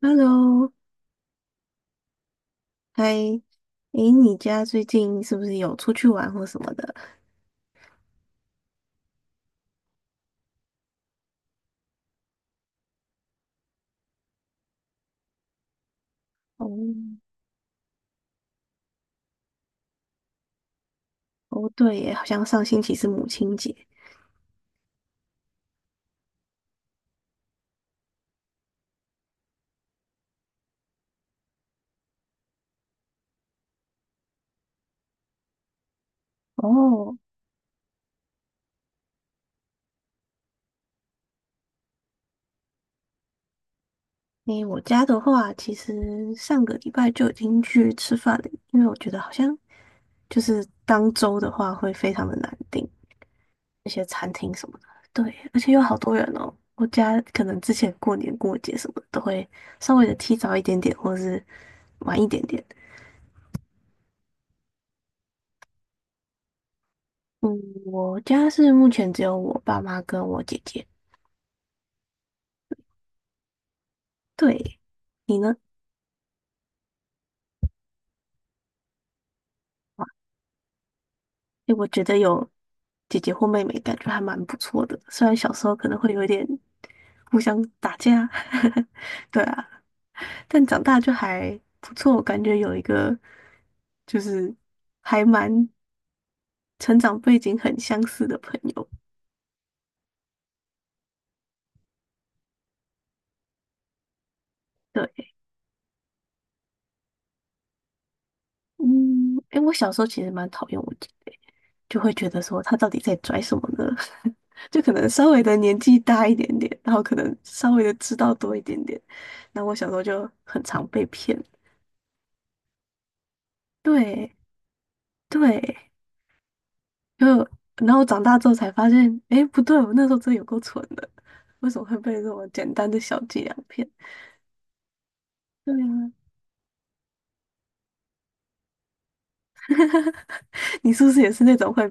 Hello，嗨，诶，你家最近是不是有出去玩或什么的？哦，哦，对耶，好像上星期是母亲节。哦，诶，我家的话，其实上个礼拜就已经去吃饭了，因为我觉得好像就是当周的话会非常的难订那些餐厅什么的。对，而且有好多人哦。我家可能之前过年过节什么的都会稍微的提早一点点，或者是晚一点点。嗯，我家是目前只有我爸妈跟我姐姐。对，你呢？哇，诶，我觉得有姐姐或妹妹，感觉还蛮不错的。虽然小时候可能会有一点互相打架，对啊，但长大就还不错。感觉有一个就是还蛮成长背景很相似的朋友。对，嗯，诶，我小时候其实蛮讨厌我姐姐，就会觉得说她到底在拽什么呢？就可能稍微的年纪大一点点，然后可能稍微的知道多一点点。然后我小时候就很常被骗，对对，就然后长大之后才发现，哎，不对，我那时候真的有够蠢的，为什么会被这种简单的小伎俩骗？对啊，你是不是也是那种会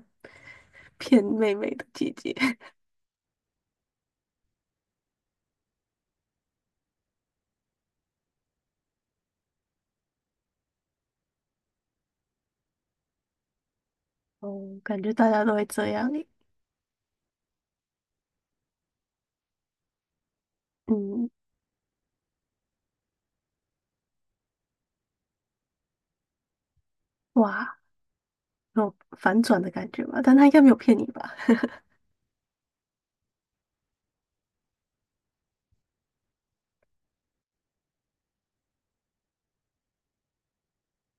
骗妹妹的姐姐？哦，感觉大家都会这样诶嗯，哇，那种反转的感觉吧，但他应该没有骗你吧？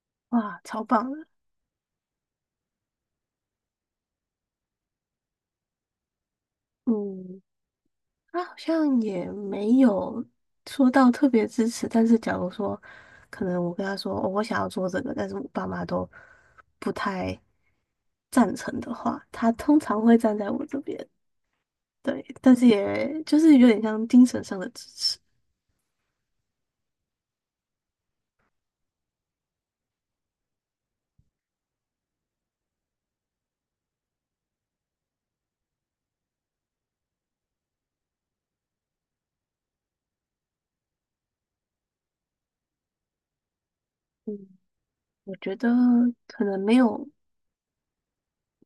哇，超棒的，嗯。他好像也没有说到特别支持，但是假如说，可能我跟他说，哦我想要做这个，但是我爸妈都不太赞成的话，他通常会站在我这边，对，但是也就是有点像精神上的支持。嗯，我觉得可能没有，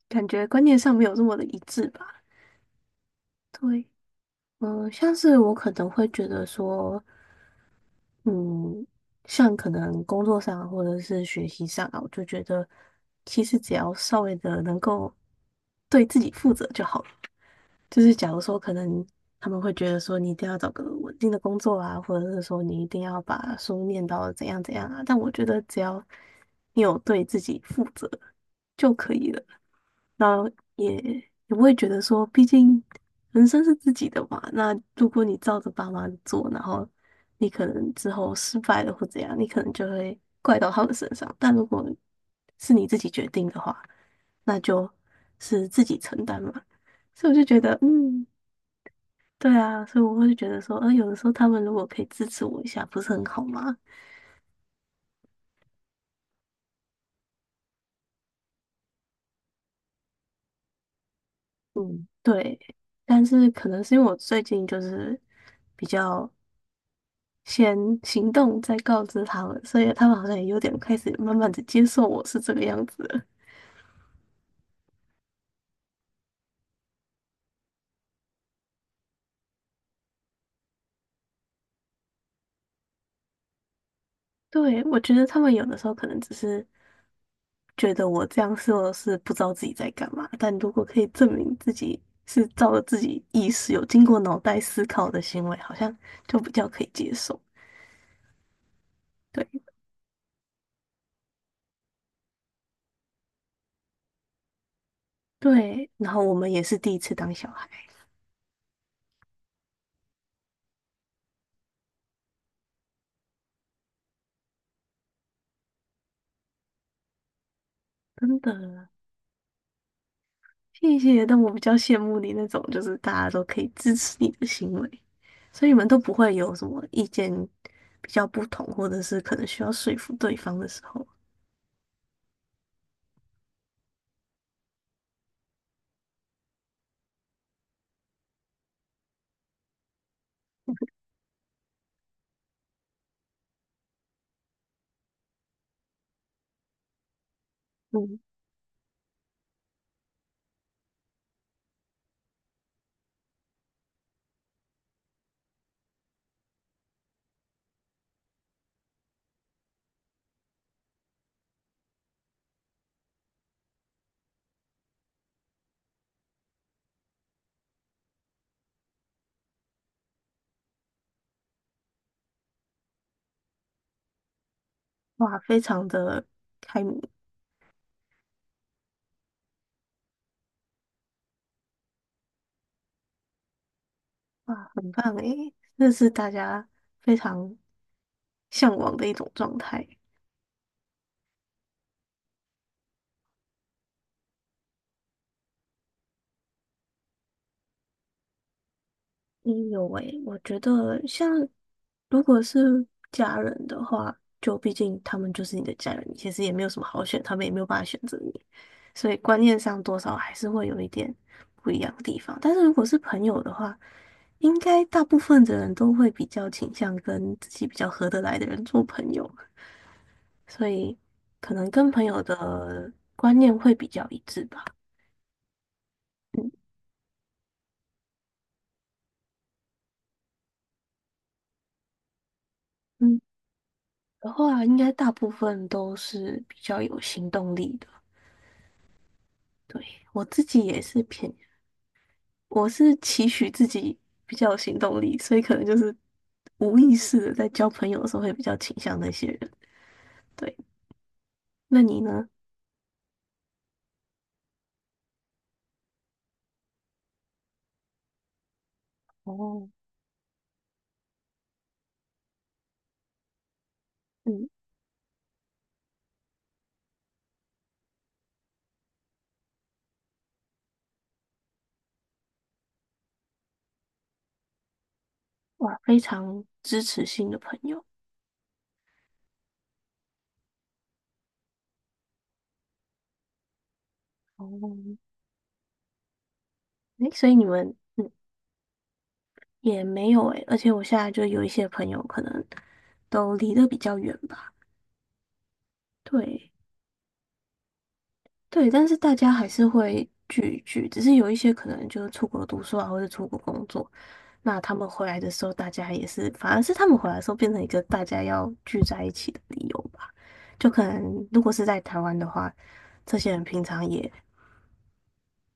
感觉观念上没有这么的一致吧。对，嗯，像是我可能会觉得说。嗯，像可能工作上或者是学习上啊，我就觉得其实只要稍微的能够对自己负责就好了。就是假如说可能他们会觉得说你一定要找个稳定的工作啊，或者是说你一定要把书念到怎样怎样啊，但我觉得只要你有对自己负责，就可以了。然后也不会觉得说，毕竟人生是自己的嘛。那如果你照着爸妈的做，然后你可能之后失败了或怎样，你可能就会怪到他们身上。但如果是你自己决定的话，那就是自己承担嘛。所以我就觉得，嗯，对啊，所以我会觉得说，有的时候他们如果可以支持我一下，不是很好吗？嗯对，但是可能是因为我最近就是。比较。先行动再告知他们，所以他们好像也有点开始慢慢的接受我是这个样子了。对，我觉得他们有的时候可能只是觉得我这样说是不知道自己在干嘛，但如果可以证明自己是照着自己意识有经过脑袋思考的行为，好像就比较可以接受。对对，然后我们也是第一次当小孩，真的。谢谢，但我比较羡慕你那种，就是大家都可以支持你的行为，所以你们都不会有什么意见比较不同，或者是可能需要说服对方的时候。嗯，哇，非常的开明，哇，很棒诶，这是大家非常向往的一种状态。嗯，有诶，我觉得像如果是家人的话，就毕竟他们就是你的家人，你其实也没有什么好选，他们也没有办法选择你，所以观念上多少还是会有一点不一样的地方。但是如果是朋友的话，应该大部分的人都会比较倾向跟自己比较合得来的人做朋友，所以可能跟朋友的观念会比较一致吧。嗯嗯，的话应该大部分都是比较有行动力的。对，我自己也是偏，我是期许自己比较有行动力，所以可能就是无意识的在交朋友的时候会比较倾向那些人。对，那你呢？哦嗯，哇，非常支持性的朋友。哦，诶，所以你们嗯也没有诶，而且我现在就有一些朋友可能都离得比较远吧。对，对，但是大家还是会聚一聚，只是有一些可能就是出国读书啊，或者出国工作，那他们回来的时候，大家也是，反而是他们回来的时候变成一个大家要聚在一起的理由吧。就可能如果是在台湾的话，这些人平常也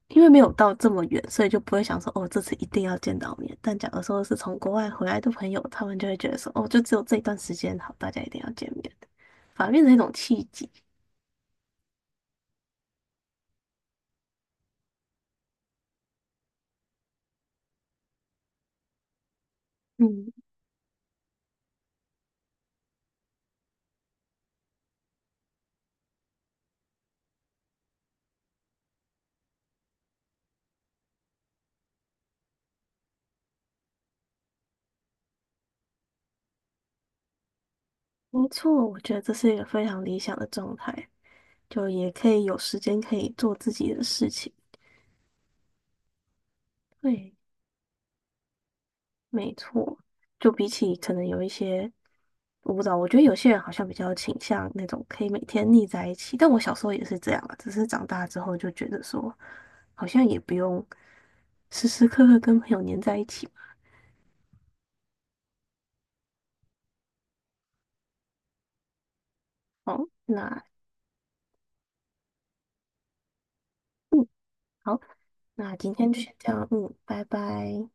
因为没有到这么远，所以就不会想说哦，这次一定要见到面。但假如说是从国外回来的朋友，他们就会觉得说哦，就只有这一段时间好，大家一定要见面，的，反而变成一种契机。嗯。没错，我觉得这是一个非常理想的状态，就也可以有时间可以做自己的事情。对，没错，就比起可能有一些，我不知道，我觉得有些人好像比较倾向那种可以每天腻在一起，但我小时候也是这样啊，只是长大之后就觉得说，好像也不用时时刻刻跟朋友黏在一起嘛。好，那嗯，好，那今天就先这样，嗯，拜拜。